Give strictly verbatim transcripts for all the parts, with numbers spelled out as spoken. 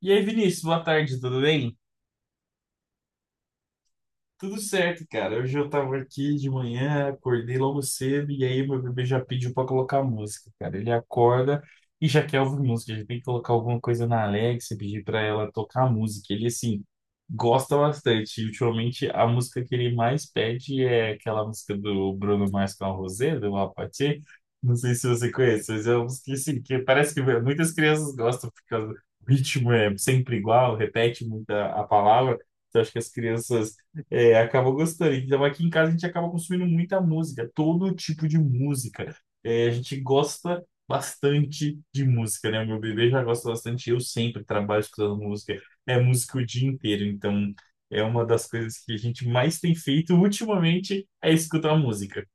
E aí, Vinícius, boa tarde, tudo bem? Tudo certo, cara. Hoje eu tava aqui de manhã, acordei logo cedo e aí meu bebê já pediu pra colocar música, cara. Ele acorda e já quer ouvir música, já tem que colocar alguma coisa na Alexa, pedir pra ela tocar música. Ele, assim, gosta bastante. E, ultimamente a música que ele mais pede é aquela música do Bruno Mars com a Rosé, do Apathy. Não sei se você conhece, mas é uma música assim, que parece que muitas crianças gostam por causa do ritmo é sempre igual, repete muita a palavra. Então, acho que as crianças é, acabou gostando. Então, aqui em casa a gente acaba consumindo muita música, todo tipo de música. É, a gente gosta bastante de música, né? O meu bebê já gosta bastante, eu sempre trabalho escutando música. É música o dia inteiro, então é uma das coisas que a gente mais tem feito ultimamente é escutar música.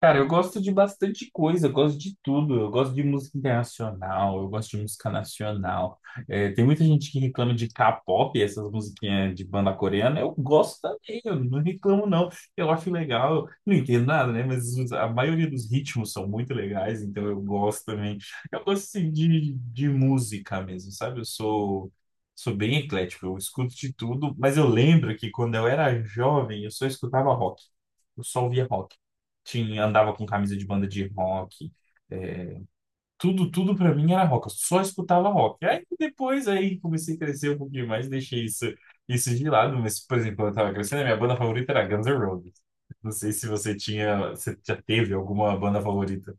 Cara, eu gosto de bastante coisa, eu gosto de tudo. Eu gosto de música internacional, eu gosto de música nacional. É, tem muita gente que reclama de K-pop, essas musiquinhas de banda coreana. Eu gosto também, eu não reclamo não. Eu acho legal, não entendo nada, né? Mas os- a maioria dos ritmos são muito legais, então eu gosto também. Eu gosto assim, de, de música mesmo, sabe? Eu sou. Sou bem eclético, eu escuto de tudo, mas eu lembro que quando eu era jovem, eu só escutava rock. Eu só ouvia rock tinha, andava com camisa de banda de rock. é, Tudo, tudo para mim era rock. Eu só escutava rock. Aí depois aí comecei a crescer um pouquinho mais, deixei isso, isso de lado. Mas, por exemplo, quando eu tava crescendo, a minha banda favorita era Guns N' Roses. Não sei se você tinha, você já teve alguma banda favorita.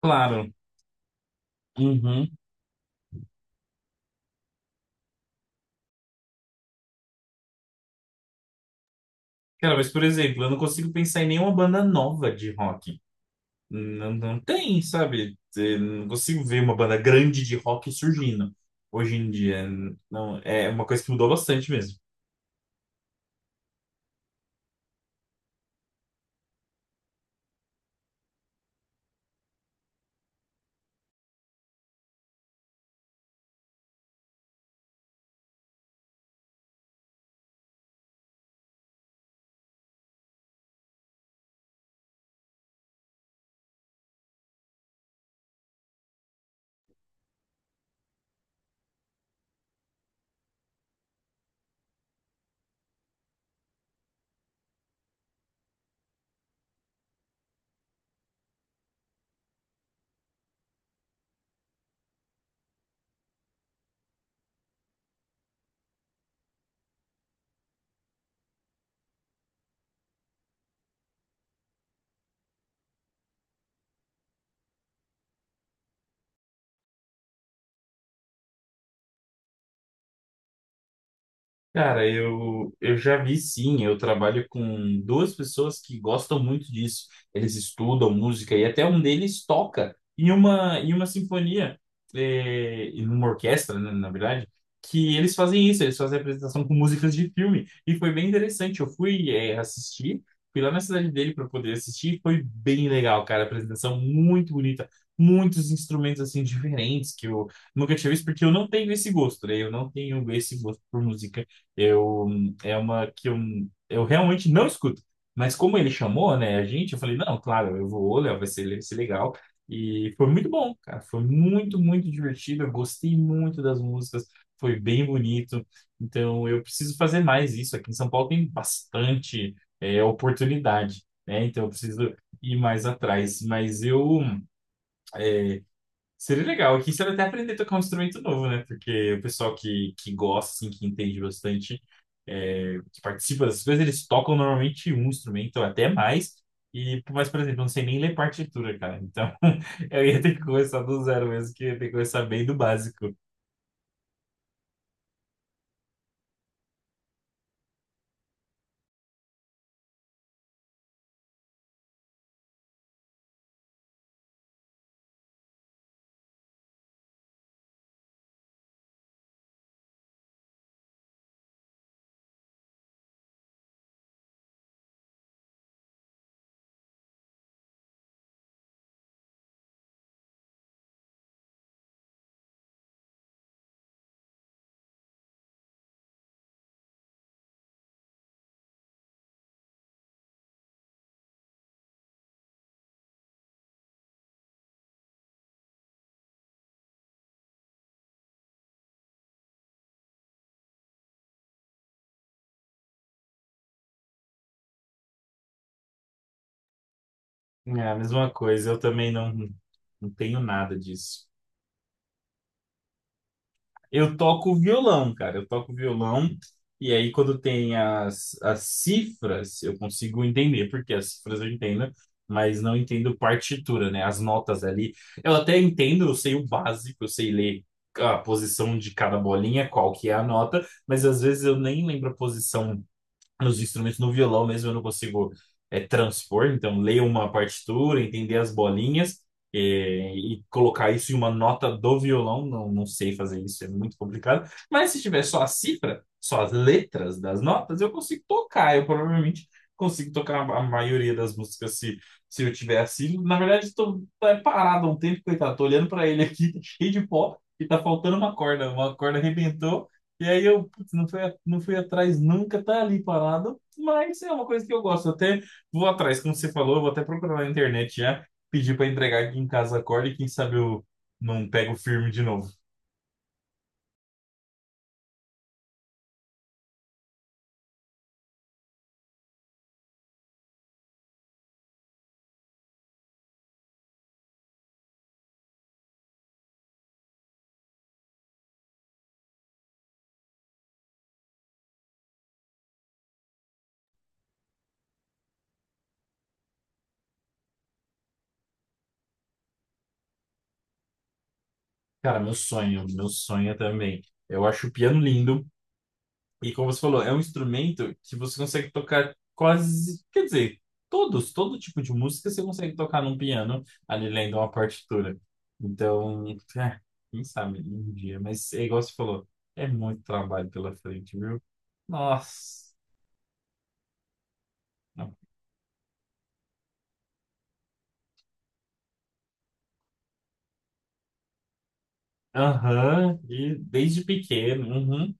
Claro. Uhum. Cara, mas por exemplo, eu não consigo pensar em nenhuma banda nova de rock. Não, não tem, sabe? Eh, Não consigo ver uma banda grande de rock surgindo hoje em dia. Não, é uma coisa que mudou bastante mesmo. Cara, eu, eu já vi sim. Eu trabalho com duas pessoas que gostam muito disso. Eles estudam música e até um deles toca em uma, em uma sinfonia, eh, em uma orquestra, né, na verdade, que eles fazem isso. Eles fazem apresentação com músicas de filme. E foi bem interessante. Eu fui, eh, assistir, fui lá na cidade dele para poder assistir. E foi bem legal, cara. A apresentação muito bonita. Muitos instrumentos assim diferentes que eu nunca tinha visto, porque eu não tenho esse gosto, né? Eu não tenho esse gosto por música eu, é uma que eu, eu realmente não escuto. Mas como ele chamou, né, a gente, eu falei, não, claro, eu vou, Léo, vai ser, vai ser legal. E foi muito bom, cara. Foi muito, muito divertido. Eu gostei muito das músicas. Foi bem bonito. Então, eu preciso fazer mais isso. Aqui em São Paulo tem bastante, é, oportunidade, né? Então, eu preciso ir mais atrás. Mas eu... Seria legal. Aqui você vai até aprender a tocar um instrumento novo, né? Porque o pessoal que, que gosta, assim, que entende bastante, é, que participa dessas coisas, eles tocam normalmente um instrumento, ou até mais. E, mas, por exemplo, eu não sei nem ler partitura, cara. Então, eu ia ter que começar do zero mesmo, que eu ia ter que começar bem do básico. É a mesma coisa, eu também não, não tenho nada disso. Eu toco violão, cara. Eu toco violão. E aí, quando tem as, as cifras, eu consigo entender, porque as cifras eu entendo, mas não entendo partitura, né? As notas ali. Eu até entendo, eu sei o básico, eu sei ler a posição de cada bolinha, qual que é a nota, mas às vezes eu nem lembro a posição nos instrumentos, no violão mesmo eu não consigo é, transpor, então ler uma partitura, entender as bolinhas é, e colocar isso em uma nota do violão, não, não sei fazer isso, é muito complicado, mas se tiver só a cifra, só as letras das notas, eu consigo tocar, eu provavelmente consigo tocar a maioria das músicas se, se eu tiver assim, na verdade estou parado há um tempo, coitado, tô olhando para ele aqui, tá cheio de pó, e tá faltando uma corda, uma corda arrebentou, e aí eu putz, não fui, a- não fui atrás nunca, tá ali parado, mas é uma coisa que eu gosto. Eu até vou atrás, como você falou, eu vou até procurar na internet já, pedir para entregar aqui em casa a corda e quem sabe eu não pego firme de novo. Cara, meu sonho, meu sonho também. Eu acho o piano lindo, e como você falou, é um instrumento que você consegue tocar quase, quer dizer, todos, todo tipo de música você consegue tocar num piano ali lendo uma partitura. Então, é, quem sabe um dia, mas é igual você falou, é muito trabalho pela frente, viu? Nossa. Aham, e desde pequeno. Uhum.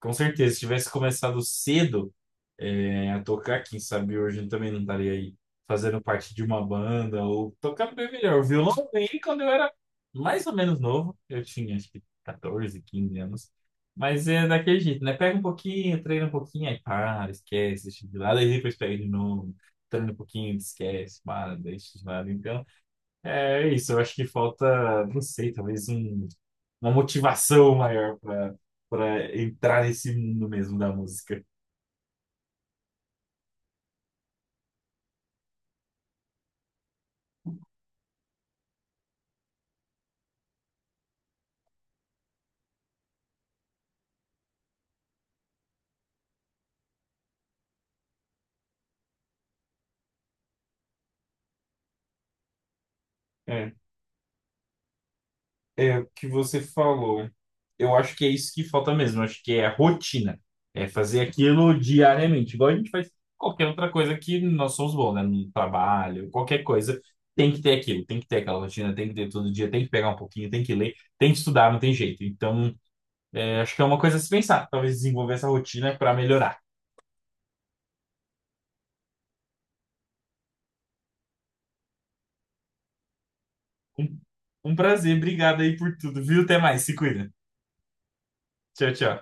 Com certeza, se tivesse começado cedo é, a tocar, quem sabe hoje eu também não estaria aí fazendo parte de uma banda ou tocando bem melhor. O violão eu ganhei quando eu era mais ou menos novo, eu tinha acho que catorze quinze anos. Mas é daquele jeito, né? Pega um pouquinho, treina um pouquinho, aí para, esquece, deixa de lado, aí depois pega de novo, treina um pouquinho, esquece, para, deixa de lado. Então. É isso, eu acho que falta, não sei, talvez um, uma motivação maior para para entrar nesse mundo mesmo da música. É, é o que você falou. Eu acho que é isso que falta mesmo. Eu acho que é a rotina. É fazer aquilo diariamente, igual a gente faz qualquer outra coisa que nós somos bons, né? No trabalho, qualquer coisa. Tem que ter aquilo, tem que ter aquela rotina, tem que ter todo dia, tem que pegar um pouquinho, tem que ler, tem que estudar, não tem jeito. Então, é, acho que é uma coisa a se pensar. Talvez desenvolver essa rotina para melhorar. Um, um prazer, obrigado aí por tudo, viu? Até mais, se cuida. Tchau, tchau.